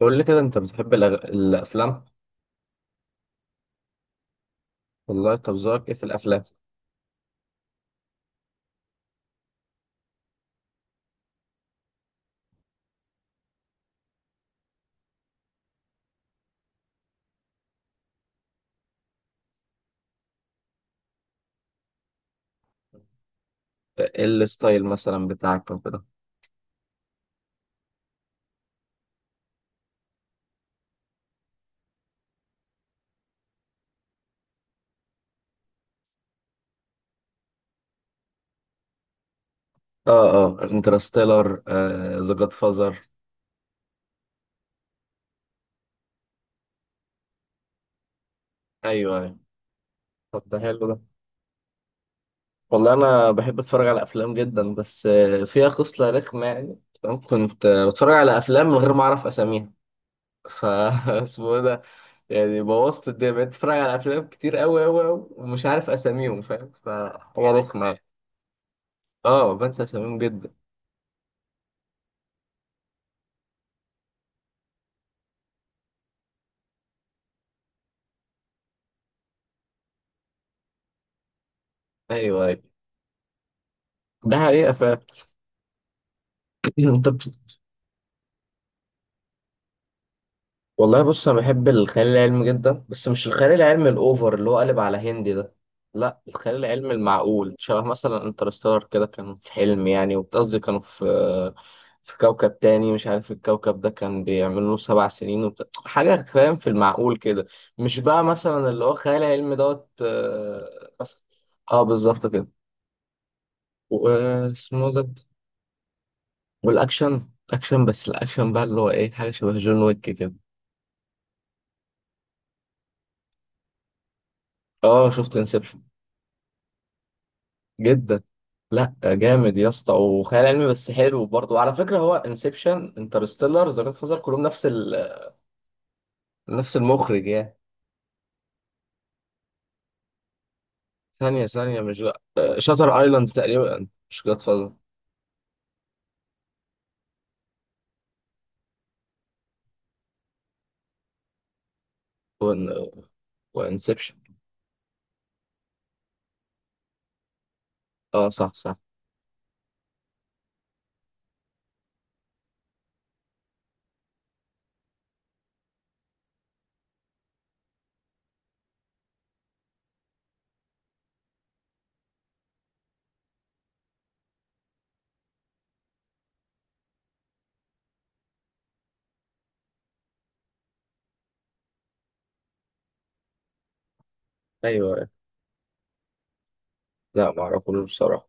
قول لي كده انت بتحب الافلام؟ والله، طب ذوقك ايه في الافلام؟ ايه الستايل مثلا بتاعك وكده؟ اه، اه، انترستيلر، ذا جاد فازر. ايوه، ايوه. طب ده حلو ده. والله انا بحب اتفرج على افلام جدا، بس فيها خصله رخمه يعني. تمام؟ كنت بتفرج على افلام من غير ما اعرف اساميها. فا اسمه إيه ده؟ يعني بوظت الدنيا، بقيت اتفرج على افلام كتير قوي قوي قوي ومش عارف اساميهم فاهم، فحاجه رخمه يعني. اه، بنسى اساميهم جدا. ايوه، ايوه. ده حقيقة فعلا. طب. والله، بص، انا بحب الخيال العلمي جدا، بس مش الخيال العلمي الاوفر اللي هو قالب على هندي ده. لا، الخيال العلمي المعقول، شبه مثلا انترستار كده، كان في حلم يعني، وقصدي كانوا في كوكب تاني، مش عارف الكوكب ده كان بيعملوا له 7 سنين وبتاع حاجة فاهم، في المعقول كده. مش بقى مثلا اللي هو خيال علمي دوت مثلا. اه، بالظبط كده. واسمه ده. والاكشن اكشن، بس الاكشن بقى اللي هو ايه، حاجة شبه جون ويك كده. اه، شفت انسبشن. جدا. لا، جامد يا اسطى، وخيال علمي بس حلو برضه. وعلى فكره، هو انسبشن، انترستيلر، ذا جاد فازر، كلهم نفس نفس المخرج يعني. ثانيه ثانيه، مش لا. شاتر ايلاند تقريبا، مش جاد فازر. وان... وانسبشن. اه، صح، صح. ايوه، أيوه. لا، ما اعرفوش بصراحه.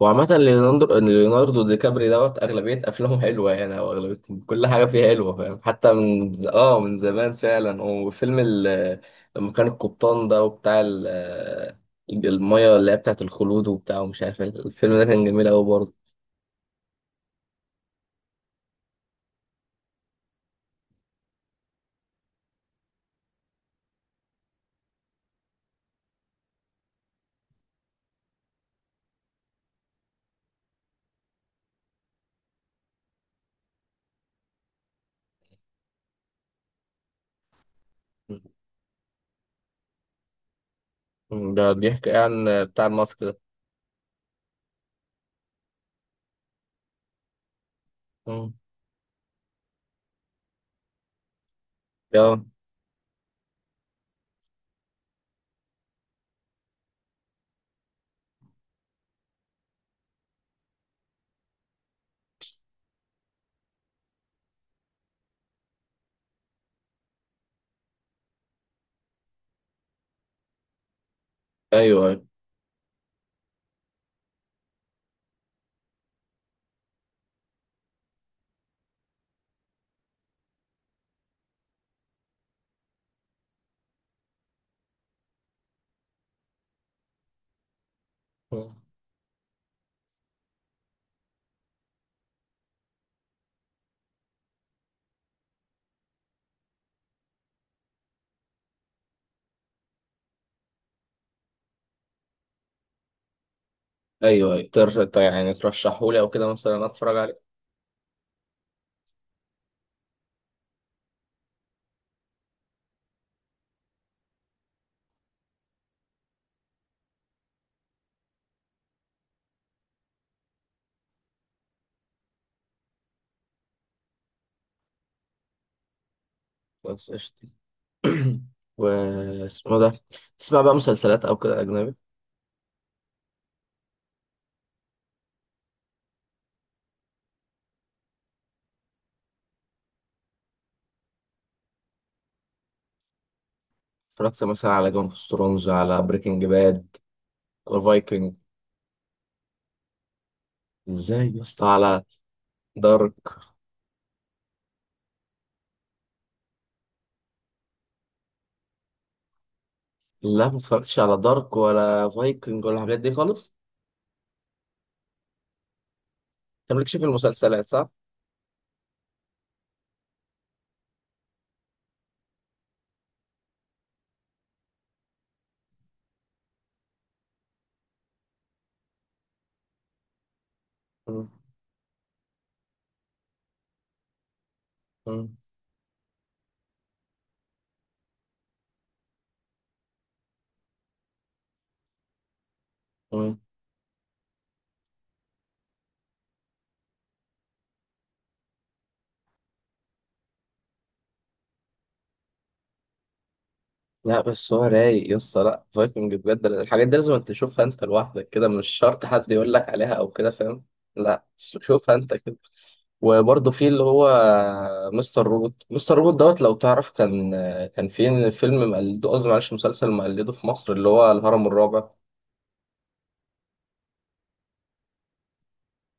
وعامة ليوناردو، دي كابري دوت أغلبية أفلامه حلوة يعني، أو أغلبية كل حاجة فيها حلوة فاهم، حتى من من زمان فعلا، وفيلم لما كان القبطان ده وبتاع المية اللي هي بتاعة الخلود وبتاع ومش عارف إيه. الفيلم ده كان جميل أوي برضه. م. ده بيحكي عن بتاع الماسك ده. م. آه. أيوه، أيوه. م. أيوه، أيوه، طيب يعني ترشحهولي أو كده مثلا أتفرج عليه. بس قشطة. واسمه ده. تسمع بقى مسلسلات أو كده أجنبي؟ اتفرجت مثلا على جيم اوف ثرونز، على بريكنج باد، على فايكنج؟ ازاي يا اسطى؟ على دارك. لا، ما اتفرجتش على دارك ولا فايكنج ولا الحاجات دي خالص. انت مالكش في المسلسلات، صح؟ مم. مم. مم. لا، بس هو رايق يا اسطى. لا، فايكنج بجد الحاجات دي لازم انت تشوفها انت لوحدك كده، مش شرط حد يقول لك عليها او كده فاهم؟ لا، بس شوفها انت كده. وبرضه في اللي هو مستر روبوت، مستر روبوت دوت لو تعرف كان في فيلم مقلده، قصدي معلش مسلسل مقلده في مصر اللي هو الهرم الرابع.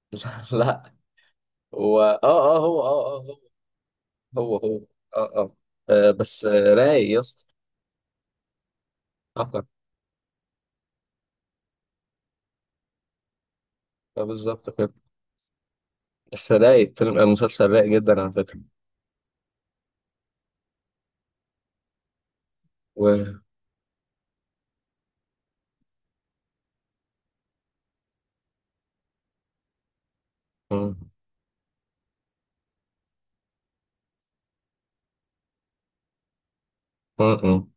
لا، لا. هو، اه. اه، هو، اه، اه. هو، هو، هو. اه، اه. آه، بس رايق يا اسطى. آه، آه. آه، بالظبط كده. بس رايق فيلم مسلسل رايق جدا على فكرة. و... م-. م-. م.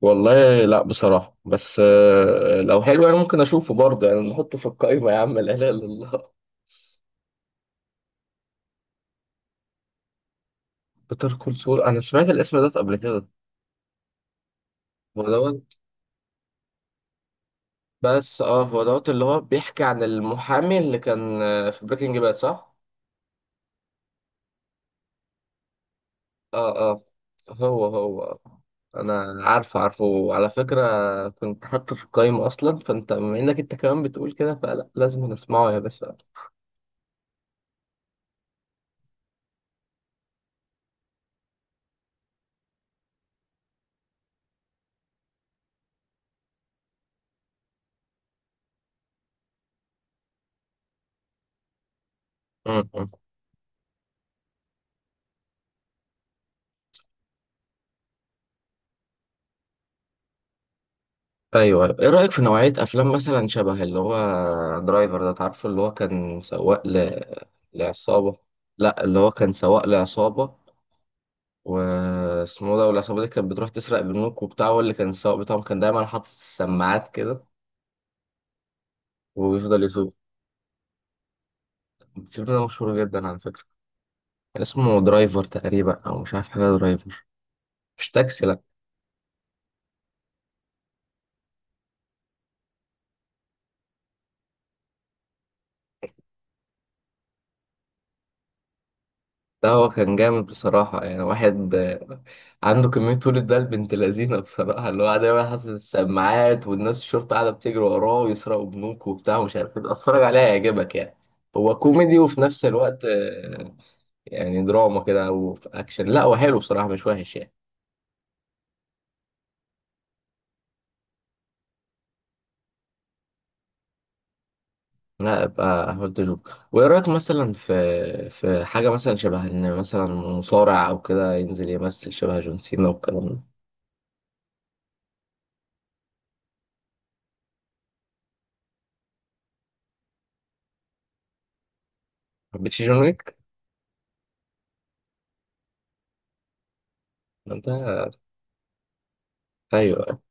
والله لا بصراحة، بس لو حلو انا ممكن اشوفه برضه يعني، نحطه في القائمة. يا عم لا اله الا الله. بيتر كول سول، انا سمعت الاسم ده قبل كده. هو دوت. بس هو دوت اللي هو بيحكي عن المحامي اللي كان في بريكنج باد، صح؟ اه، اه. هو، هو. انا عارفه، عارفه على فكره، كنت حاطه في القايمه اصلا. فانت بما انك انت كمان بتقول كده، فلا لازم نسمعه يا باشا. م-. م. ايوه، أيوة. ايه رايك في نوعيه افلام مثلا شبه اللي هو درايفر، ده تعرفه، اللي هو كان سواق لعصابه. لا، اللي هو كان سواق لعصابه. واسمه ده، والعصابة دي كانت بتروح تسرق بنوك وبتاع، واللي كان السواق بتاعهم كان دايما حاطط السماعات كده وبيفضل يسوق. الفيلم ده مشهور جدا على فكرة. كان اسمه درايفر تقريبا، أو مش عارف، حاجة درايفر، مش تاكسي لأ. ده هو كان جامد بصراحة، يعني واحد، عنده كمية طولة، ده بنت لذينة بصراحة، اللي هو دايما حاطط السماعات والناس الشرطة قاعدة بتجري وراه ويسرقوا بنوك وبتاع ومش عارف ايه. اتفرج عليها هيعجبك يعني. هو كوميدي وفي نفس الوقت يعني دراما كده، او في اكشن. لا، هو حلو بصراحه، مش وحش يعني. لا، ابقى هولد اشوف. وايه رايك مثلا في حاجه مثلا شبه ان مثلا مصارع او كده ينزل يمثل شبه جون سينا والكلام ده؟ ما حبيتش جون ويك ده؟ ايوه.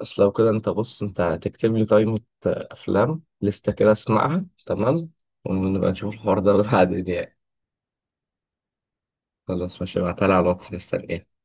بس لو كده، انت بص، انت هتكتب لي قائمه افلام، لسته كده اسمعها، تمام؟ ونبقى نشوف الحوار ده بعدين يعني. خلاص، ماشي، ابعتها لي على الواتس، مستنيك.